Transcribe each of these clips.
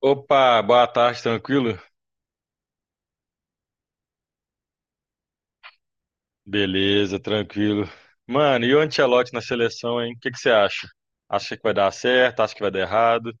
Opa, boa tarde, tranquilo? Beleza, tranquilo. Mano, e o Ancelotti na seleção, hein? O que você acha? Acha que vai dar certo? Acha que vai dar errado?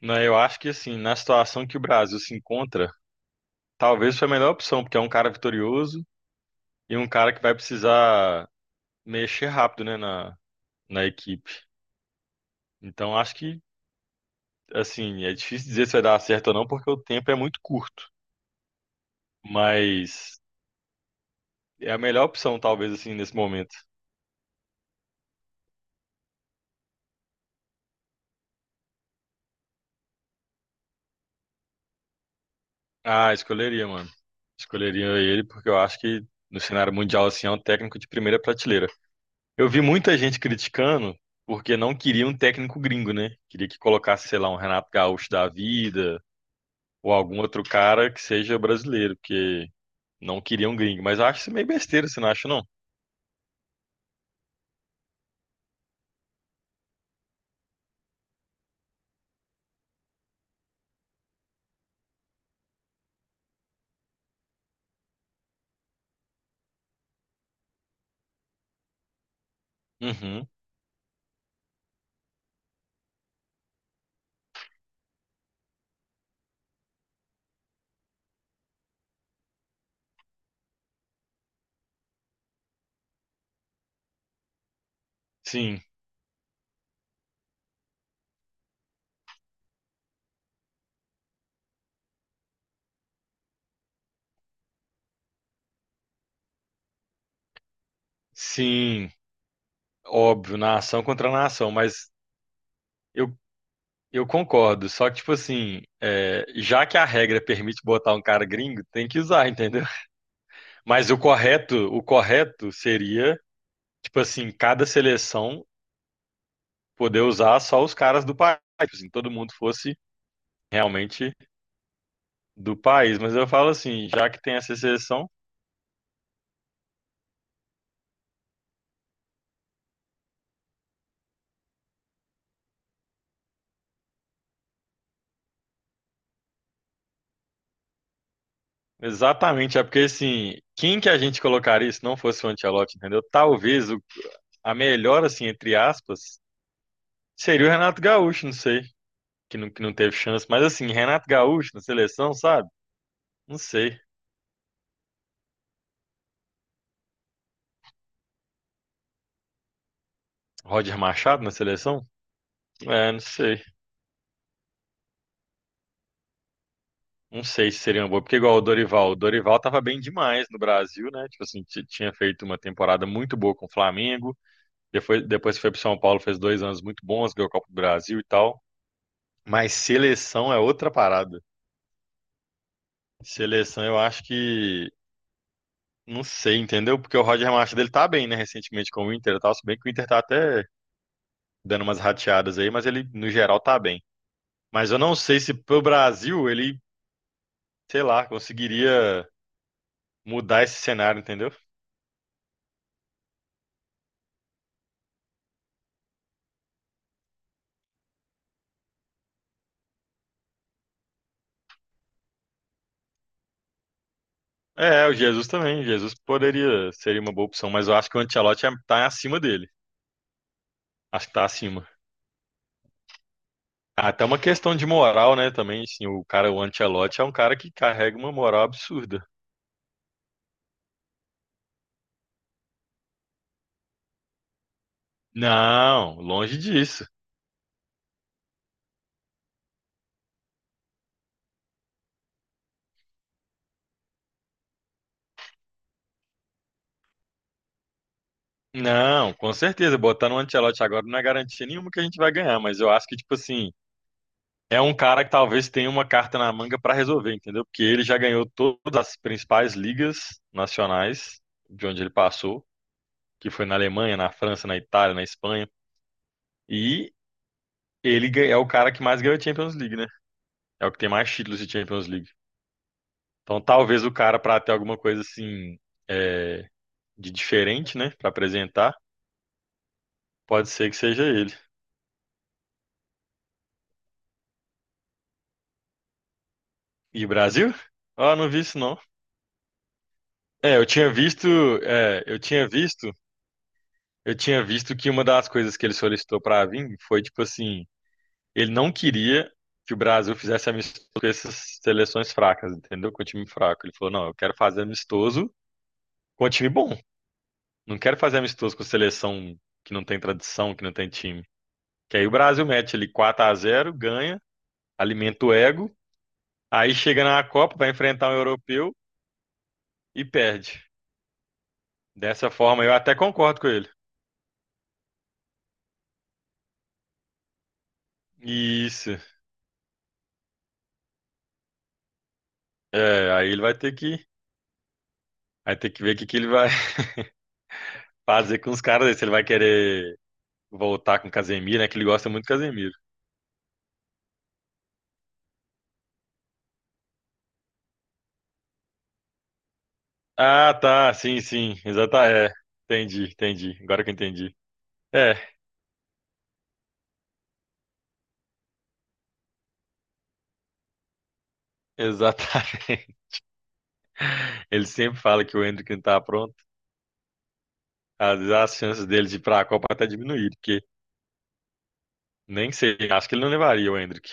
Não, eu acho que assim, na situação que o Brasil se encontra, talvez foi a melhor opção, porque é um cara vitorioso e um cara que vai precisar mexer rápido, né, na equipe. Então acho que, assim, é difícil dizer se vai dar certo ou não, porque o tempo é muito curto. Mas é a melhor opção, talvez, assim, nesse momento. Ah, escolheria, mano. Escolheria ele porque eu acho que no cenário mundial assim é um técnico de primeira prateleira. Eu vi muita gente criticando porque não queria um técnico gringo, né? Queria que colocasse, sei lá, um Renato Gaúcho da vida ou algum outro cara que seja brasileiro, porque não queria um gringo. Mas eu acho isso meio besteira, você não acha, não? Uhum. Sim, sim, óbvio, nação contra nação, mas eu, eu concordo. Só que, tipo assim, é, já que a regra permite botar um cara gringo, tem que usar, entendeu? Mas o correto seria, tipo assim, cada seleção poder usar só os caras do país, assim, todo mundo fosse realmente do país. Mas eu falo assim, já que tem essa seleção, exatamente, é porque assim, quem que a gente colocaria se não fosse o Ancelotti, entendeu? A melhor, assim, entre aspas, seria o Renato Gaúcho, não sei, que não teve chance. Mas assim, Renato Gaúcho na seleção, sabe? Não sei. Roger Machado na seleção? É, não sei. Não sei se seria uma boa, porque igual o Dorival tava bem demais no Brasil, né? Tipo assim, tinha feito uma temporada muito boa com o Flamengo, depois que foi pro São Paulo, fez dois anos muito bons, ganhou a Copa do Brasil e tal. Mas seleção é outra parada. Seleção eu acho que, não sei, entendeu? Porque o Roger Machado ele tá bem, né? Recentemente com o Inter e tal, se bem que o Inter tá até dando umas rateadas aí, mas ele no geral tá bem. Mas eu não sei se pro Brasil ele, sei lá, conseguiria mudar esse cenário, entendeu? É, o Jesus também. Jesus poderia seria uma boa opção, mas eu acho que tá acima dele. Acho que tá acima. Ah, até uma questão de moral, né, também, assim, o cara, o Ancelotti é um cara que carrega uma moral absurda. Não, longe disso. Não, com certeza, botar no Ancelotti agora não é garantia nenhuma que a gente vai ganhar, mas eu acho que, tipo assim, é um cara que talvez tenha uma carta na manga pra resolver, entendeu? Porque ele já ganhou todas as principais ligas nacionais de onde ele passou, que foi na Alemanha, na França, na Itália, na Espanha. E é o cara que mais ganhou Champions League, né? É o que tem mais títulos de Champions League. Então, talvez o cara, para ter alguma coisa assim, é, de diferente, né, para apresentar, pode ser que seja ele. E Brasil? Ah, não vi isso não. É, é, eu tinha visto, eu tinha visto que uma das coisas que ele solicitou pra vir foi tipo assim, ele não queria que o Brasil fizesse amistoso com essas seleções fracas, entendeu? Com o time fraco. Ele falou, não, eu quero fazer amistoso com o time bom. Não quero fazer amistoso com seleção que não tem tradição, que não tem time. Que aí o Brasil mete ali quatro a zero, ganha, alimenta o ego, aí chega na Copa, vai enfrentar um europeu e perde. Dessa forma, eu até concordo com ele. Isso. É, aí ele vai ter que ver que ele vai fazer com os caras, aí, se ele vai querer voltar com o Casemiro, né? Que ele gosta muito do Casemiro. Ah, tá, sim, sim, exatamente. É, entendi. Agora que eu entendi. É, exatamente. Ele sempre fala que o Endrick não tá pronto. Às vezes as chances dele de ir para a Copa até diminuíram, porque nem sei, acho que ele não levaria o Endrick.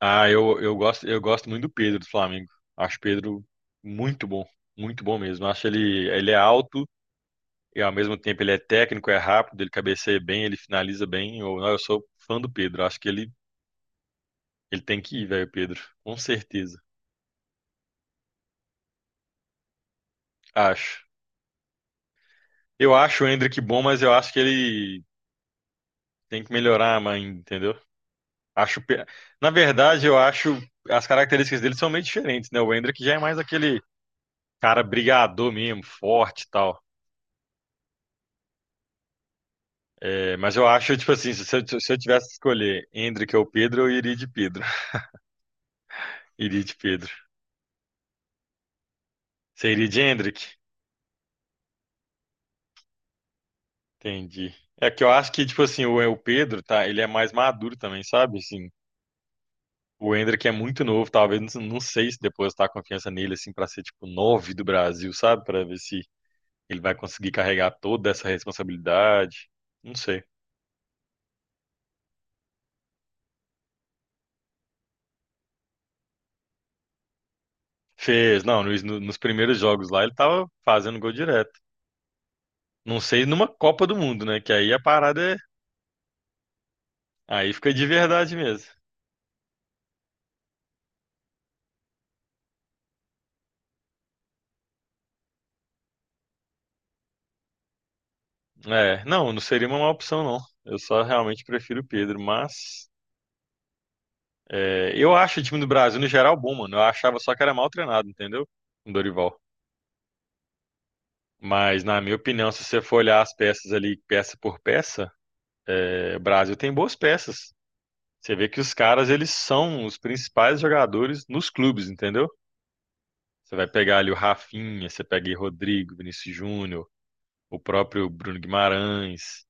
Ah, eu gosto muito do Pedro do Flamengo. Acho o Pedro muito bom, muito bom mesmo. Acho ele, ele é alto e ao mesmo tempo ele é técnico, é rápido, ele cabeceia bem, ele finaliza bem. Eu, não, eu sou fã do Pedro. Acho que ele tem que ir, velho, Pedro. Com certeza. Acho. Eu acho o Endrick bom, mas eu acho que ele tem que melhorar, mãe, entendeu? Acho, pe- Na verdade, eu acho as características dele são meio diferentes, né? O Hendrick já é mais aquele cara brigador mesmo, forte e tal. É, mas eu acho, tipo assim, se eu tivesse que escolher Hendrick ou Pedro, eu iria de Pedro. Iria de Pedro. Você iria de Hendrick? Entendi. É que eu acho que, tipo assim, o Pedro, tá? Ele é mais maduro também, sabe? Assim, o Hendrick é muito novo, talvez, não, não sei se depois depositar a confiança nele, assim, pra ser, tipo, nove do Brasil, sabe? Pra ver se ele vai conseguir carregar toda essa responsabilidade. Não sei. Fez, não, nos primeiros jogos lá ele tava fazendo gol direto. Não sei numa Copa do Mundo, né? Que aí a parada é. Aí fica de verdade mesmo. É, não, não seria uma má opção, não. Eu só realmente prefiro o Pedro, mas. É, eu acho o time do Brasil, no geral, bom, mano. Eu achava só que era mal treinado, entendeu? O Dorival. Mas, na minha opinião, se você for olhar as peças ali, peça por peça, é, o Brasil tem boas peças. Você vê que os caras, eles são os principais jogadores nos clubes, entendeu? Você vai pegar ali o Rafinha, você pega aí Rodrigo, Vinícius Júnior, o próprio Bruno Guimarães,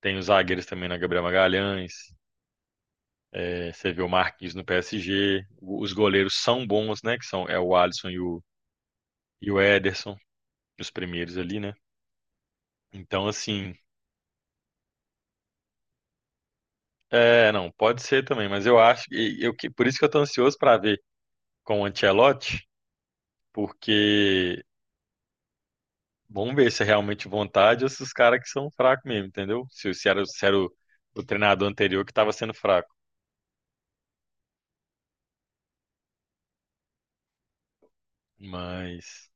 tem os zagueiros também na Gabriel Magalhães, é, você vê o Marquinhos no PSG, os goleiros são bons, né? Que são é o Alisson e e o Ederson, os primeiros ali, né? Então, assim, é, não, pode ser também, mas eu acho que por isso que eu tô ansioso para ver com o Ancelotti, porque vamos ver se é realmente vontade ou se os caras que são fracos mesmo, entendeu? Se era o treinador anterior que estava sendo fraco. Mas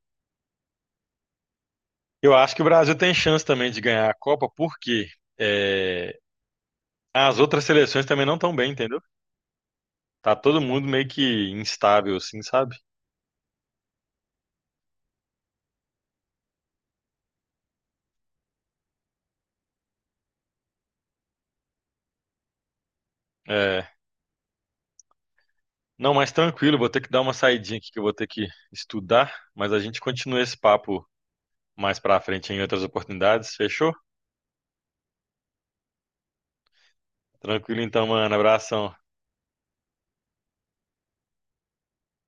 eu acho que o Brasil tem chance também de ganhar a Copa, porque é, as outras seleções também não estão bem, entendeu? Tá todo mundo meio que instável, assim, sabe? É, não, mas tranquilo, vou ter que dar uma saidinha aqui que eu vou ter que estudar, mas a gente continua esse papo mais pra frente em outras oportunidades, fechou? Tranquilo então, mano, abração.